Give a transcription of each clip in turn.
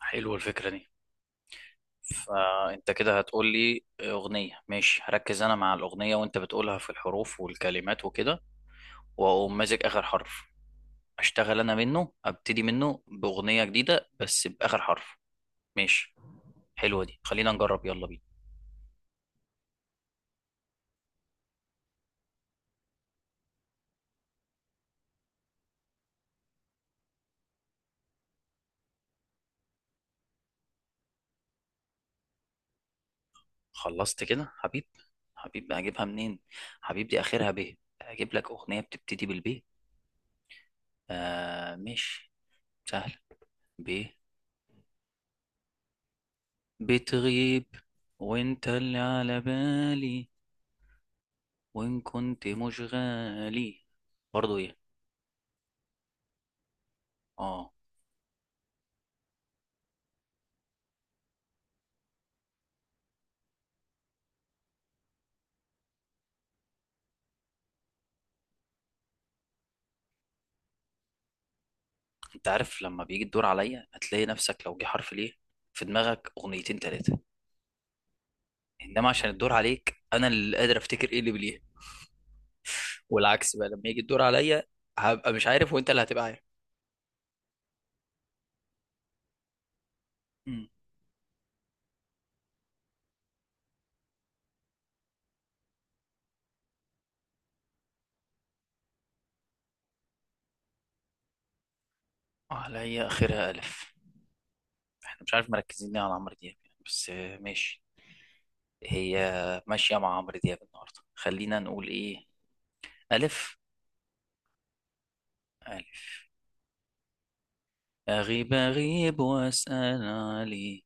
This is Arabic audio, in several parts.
حلوة الفكرة دي. فأنت كده هتقول لي أغنية، ماشي، هركز أنا مع الأغنية وأنت بتقولها في الحروف والكلمات وكده، وأقوم ماسك آخر حرف أشتغل أنا منه، أبتدي منه بأغنية جديدة بس بآخر حرف. ماشي، حلوة دي، خلينا نجرب، يلا بينا. خلصت كده حبيب هجيبها منين؟ حبيب دي آخرها ب، أجيب لك أغنية بتبتدي بالب. آه ماشي، سهل. ب، بتغيب وأنت اللي على بالي وإن كنت مشغالي، برضه إيه؟ آه. أنت عارف لما بيجي الدور عليا هتلاقي نفسك لو جه حرف ليه، في دماغك أغنيتين تلاتة، إنما عشان الدور عليك أنا اللي قادر أفتكر إيه اللي بليه. والعكس بقى لما يجي الدور عليا هبقى مش عارف وأنت اللي هتبقى عارف. مم. عليا، آخرها ألف. إحنا مش عارف مركزين ليه على عمرو دياب يعني، بس آه، ماشي. هي ماشية مع عمرو دياب النهاردة، خلينا نقول إيه. ألف، ألف. أغيب أغيب وأسأل عليه،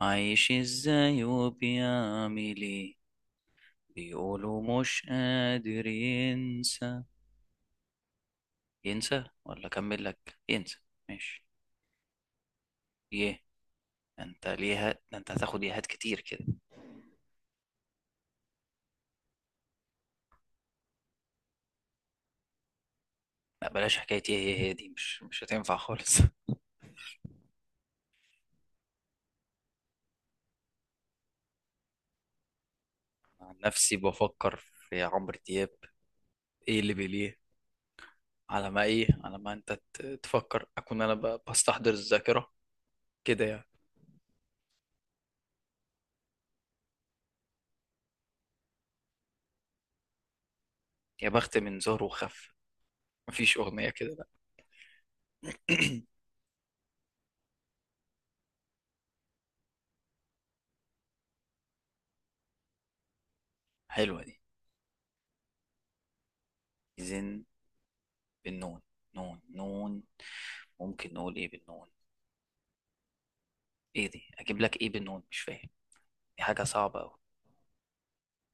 عايش ازاي وبيعمل ايه، بيقولوا مش قادر ينسى. ينسى، ولا اكمل لك؟ ينسى، ماشي. يه، انت هتاخد يهات كتير كده؟ لا بلاش، حكايه ايه هي دي، مش هتنفع خالص. عن نفسي بفكر في عمرو دياب ايه اللي بيليه، على ما ايه، على ما انت تفكر اكون انا بستحضر الذاكره، كده يعني. يا بخت من زهر وخف، مفيش اغنيه كده، لا. حلوه دي، زين، بالنون. نون، نون، ممكن نقول ايه بالنون. ايه دي، اجيب لك ايه بالنون، مش فاهم، دي حاجه صعبه قوي.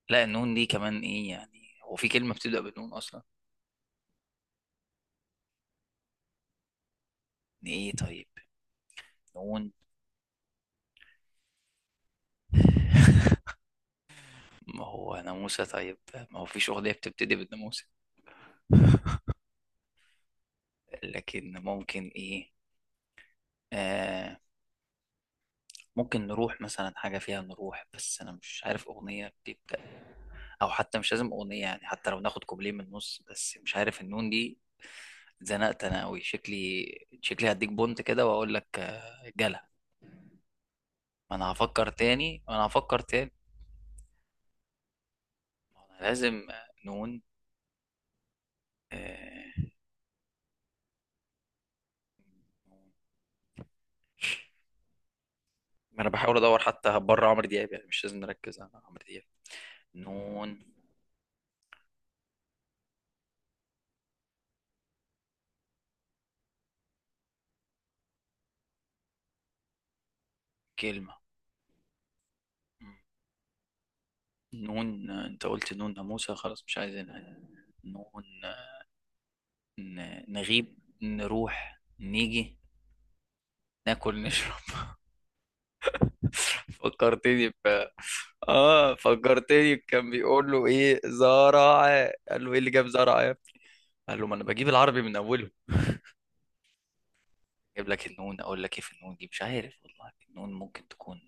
لا النون دي كمان ايه يعني، هو في كلمه بتبدا بالنون اصلا؟ ايه طيب، نون. ما هو ناموسه طيب، ما هو فيش اغنيه بتبتدي بالناموسه. لكن ممكن ايه. آه، ممكن نروح مثلا، حاجة فيها نروح، بس أنا مش عارف أغنية بتبدأ. أو حتى مش لازم أغنية يعني، حتى لو ناخد كوبليه من النص، بس مش عارف النون دي. اتزنقت أنا أوي شكلي، شكلي هديك بونت كده وأقول لك آه، جلا. ما أنا هفكر تاني، ما أنا لازم. آه، نون. آه، ما أنا بحاول أدور حتى بره عمرو دياب، يعني مش لازم نركز على عمرو دياب. نون، كلمة. مم. نون. آه، أنت قلت نون ناموسة، خلاص مش عايزينها. نون، نغيب، نروح، نيجي، ناكل، نشرب. فكرتني ب، اه فكرتني، كان بيقول له ايه زرع، قال له ايه اللي جاب زرع، قال له ما انا بجيب العربي من اوله. اجيب لك النون، اقول لك ايه في النون دي، مش عارف والله، النون ممكن تكون.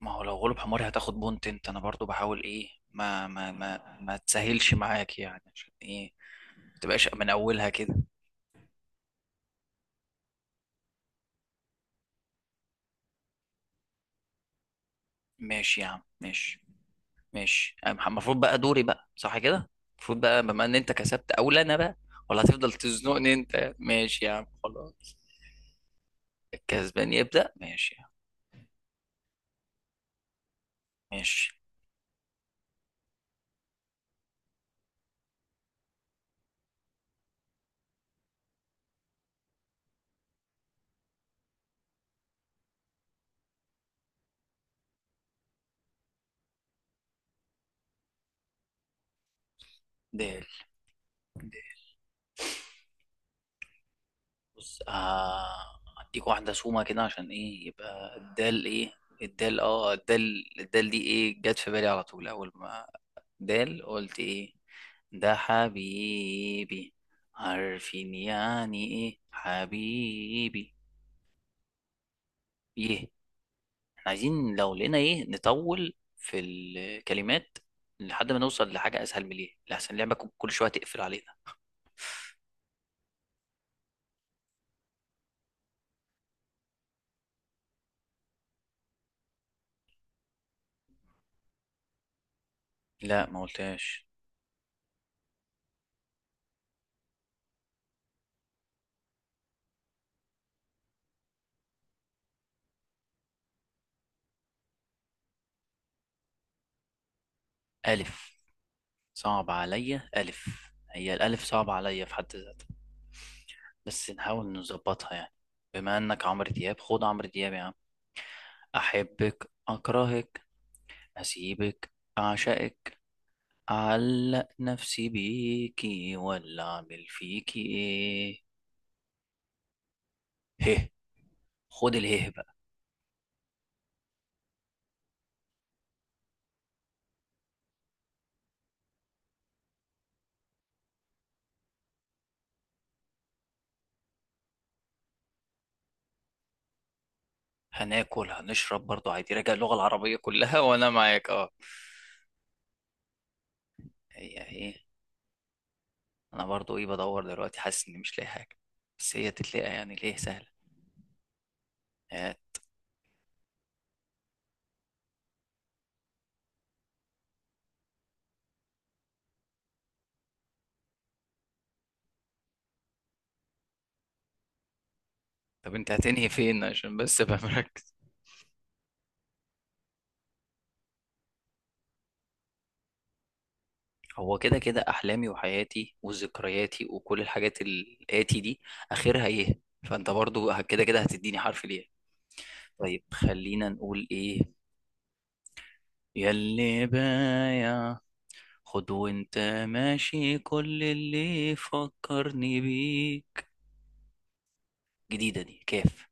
ما هو لو غلب حماري هتاخد بونت، انت انا برضو بحاول ايه ما تسهلش معاك يعني، عشان ايه ما تبقاش من اولها كده. ماشي يا عم، ماشي. ماشي. أنا المفروض بقى دوري بقى، صح كده؟ المفروض بقى بما ان انت كسبت اولى، انا بقى، ولا هتفضل تزنقني انت؟ ماشي يا عم، خلاص. الكسبان يبدأ، ماشي يا عم. ماشي. دال، دال. بص آه هديك واحدة سومة كده، عشان ايه يبقى الدال ايه. الدال، اه الدال، الدال دي ايه؟ جت في بالي على طول اول ما دال قلت ايه، ده حبيبي. عارفين يعني ايه حبيبي. يه. عايزين لو لقينا ايه نطول في الكلمات لحد ما نوصل لحاجة اسهل، من ايه لحسن اللعبة كل شوية تقفل علينا. لا، ما قلتهاش. ألف، صعب عليا ألف، هي الألف صعب عليا في حد ذاتها، بس نحاول نظبطها يعني. بما إنك عمرو دياب، خد عمرو دياب يا عم. أحبك، أكرهك، أسيبك، أعشقك، أعلق نفسي بيكي، ولا أعمل فيكي إيه؟ هه، خد اله. هناكل، هنشرب، برضو عادي، راجع اللغة العربية كلها. وانا معاك اه. هي ايه؟ انا برضو ايه، بدور دلوقتي، حاسس اني مش لاقي حاجة، بس هي تتلاقى يعني، ليه سهلة. آه، طب انت هتنهي فين عشان بس ابقى مركز. هو كده كده احلامي وحياتي وذكرياتي وكل الحاجات الاتي دي، اخرها ايه؟ فانت برضو كده كده هتديني حرف ليه. طيب خلينا نقول ايه. ياللي بايع، خد وانت ماشي كل اللي فكرني بيه، جديدة دي كاف.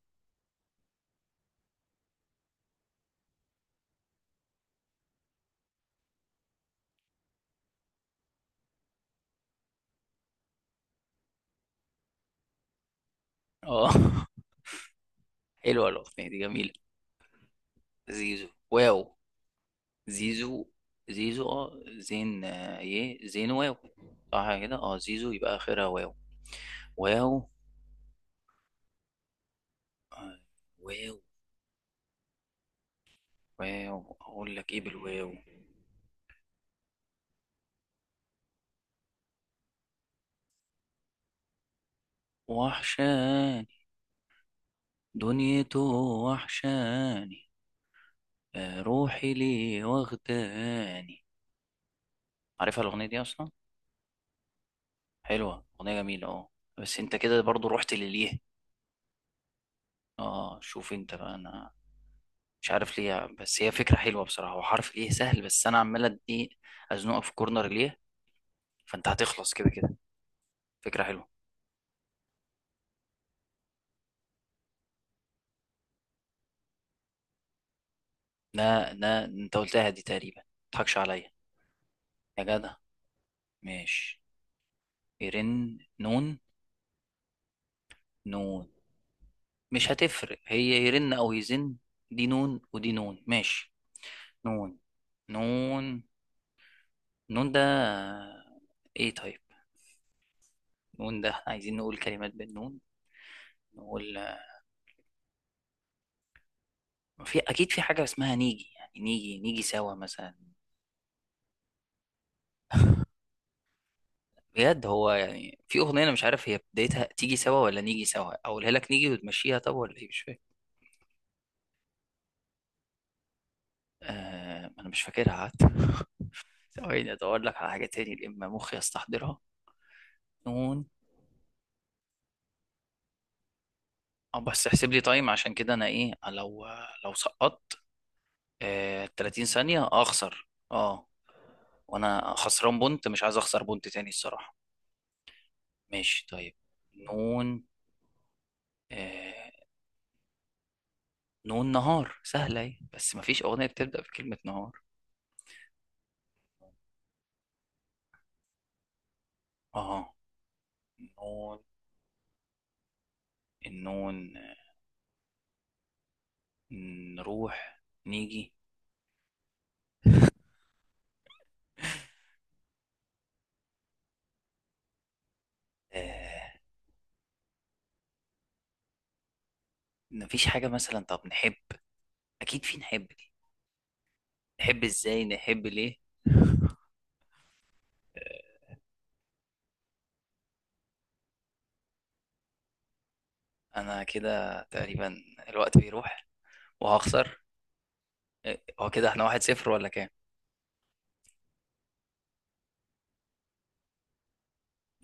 اه. حلوة الأغنية دي جميلة. زيزو، واو. زيزو، زيزو، اه زين، آه، ايه زين، واو. صح كده، اه زيزو يبقى آخرها واو. واو، آه، واو. واو، أقول لك ايه بالواو. وحشاني دنيته، وحشاني، آه، روحي ليه واخداني، عارفها الأغنية دي أصلا. حلوة، أغنية جميلة اه. بس انت كده برضو رحت لليه. اه شوف انت بقى، انا مش عارف ليه يعني، بس هي فكرة حلوة بصراحة، هو حرف ايه سهل، بس انا عمال ادي ازنقك في كورنر ليه، فانت هتخلص كده كده. فكرة حلوة. لا لا، انت قلتها دي تقريبا، متضحكش عليا يا جدع. ماشي. يرن، نون. نون، مش هتفرق هي يرن او يزن، دي نون ودي نون، ماشي. نون. نون، نون ده، ايه طيب. نون ده احنا عايزين نقول كلمات بالنون، نقول، ما في اكيد في حاجة اسمها نيجي، يعني نيجي نيجي سوا مثلا. بجد، هو يعني في اغنيه انا مش عارف هي بدايتها تيجي سوا ولا نيجي سوا، اقولها لك نيجي وتمشيها، طب ولا ايه مش فاهم. آه انا مش فاكرها، قعدت. ثواني ادور لك على حاجه تاني لما مخي يستحضرها. نون. اه بس احسب لي تايم، عشان كده انا ايه، لو سقطت، آه 30 ثانيه اخسر، اه. وانا خسران بونت، مش عايز اخسر بونت تاني الصراحه. ماشي طيب، نون. آه، نون، نهار، سهله اهي، بس مفيش اغنيه بتبدا بكلمه نهار. اه نون، انه نروح، نيجي. آه، مفيش حاجة مثلا طب نحب، اكيد في نحب دي. نحب ازاي، نحب ليه. آه. انا كده تقريبا الوقت بيروح، وهخسر. آه، هو كده احنا واحد صفر ولا كام؟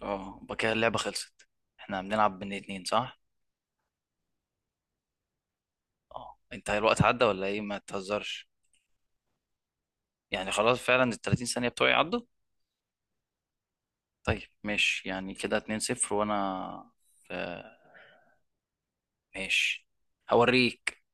اه يبقى كده اللعبة خلصت، احنا بنلعب بين اتنين صح؟ اه انت الوقت عدى ولا ايه، ما تهزرش. يعني خلاص فعلا ال 30 ثانية بتوعي عدوا. طيب ماشي، يعني كده 2 0 وانا، آه ماشي، هوريك.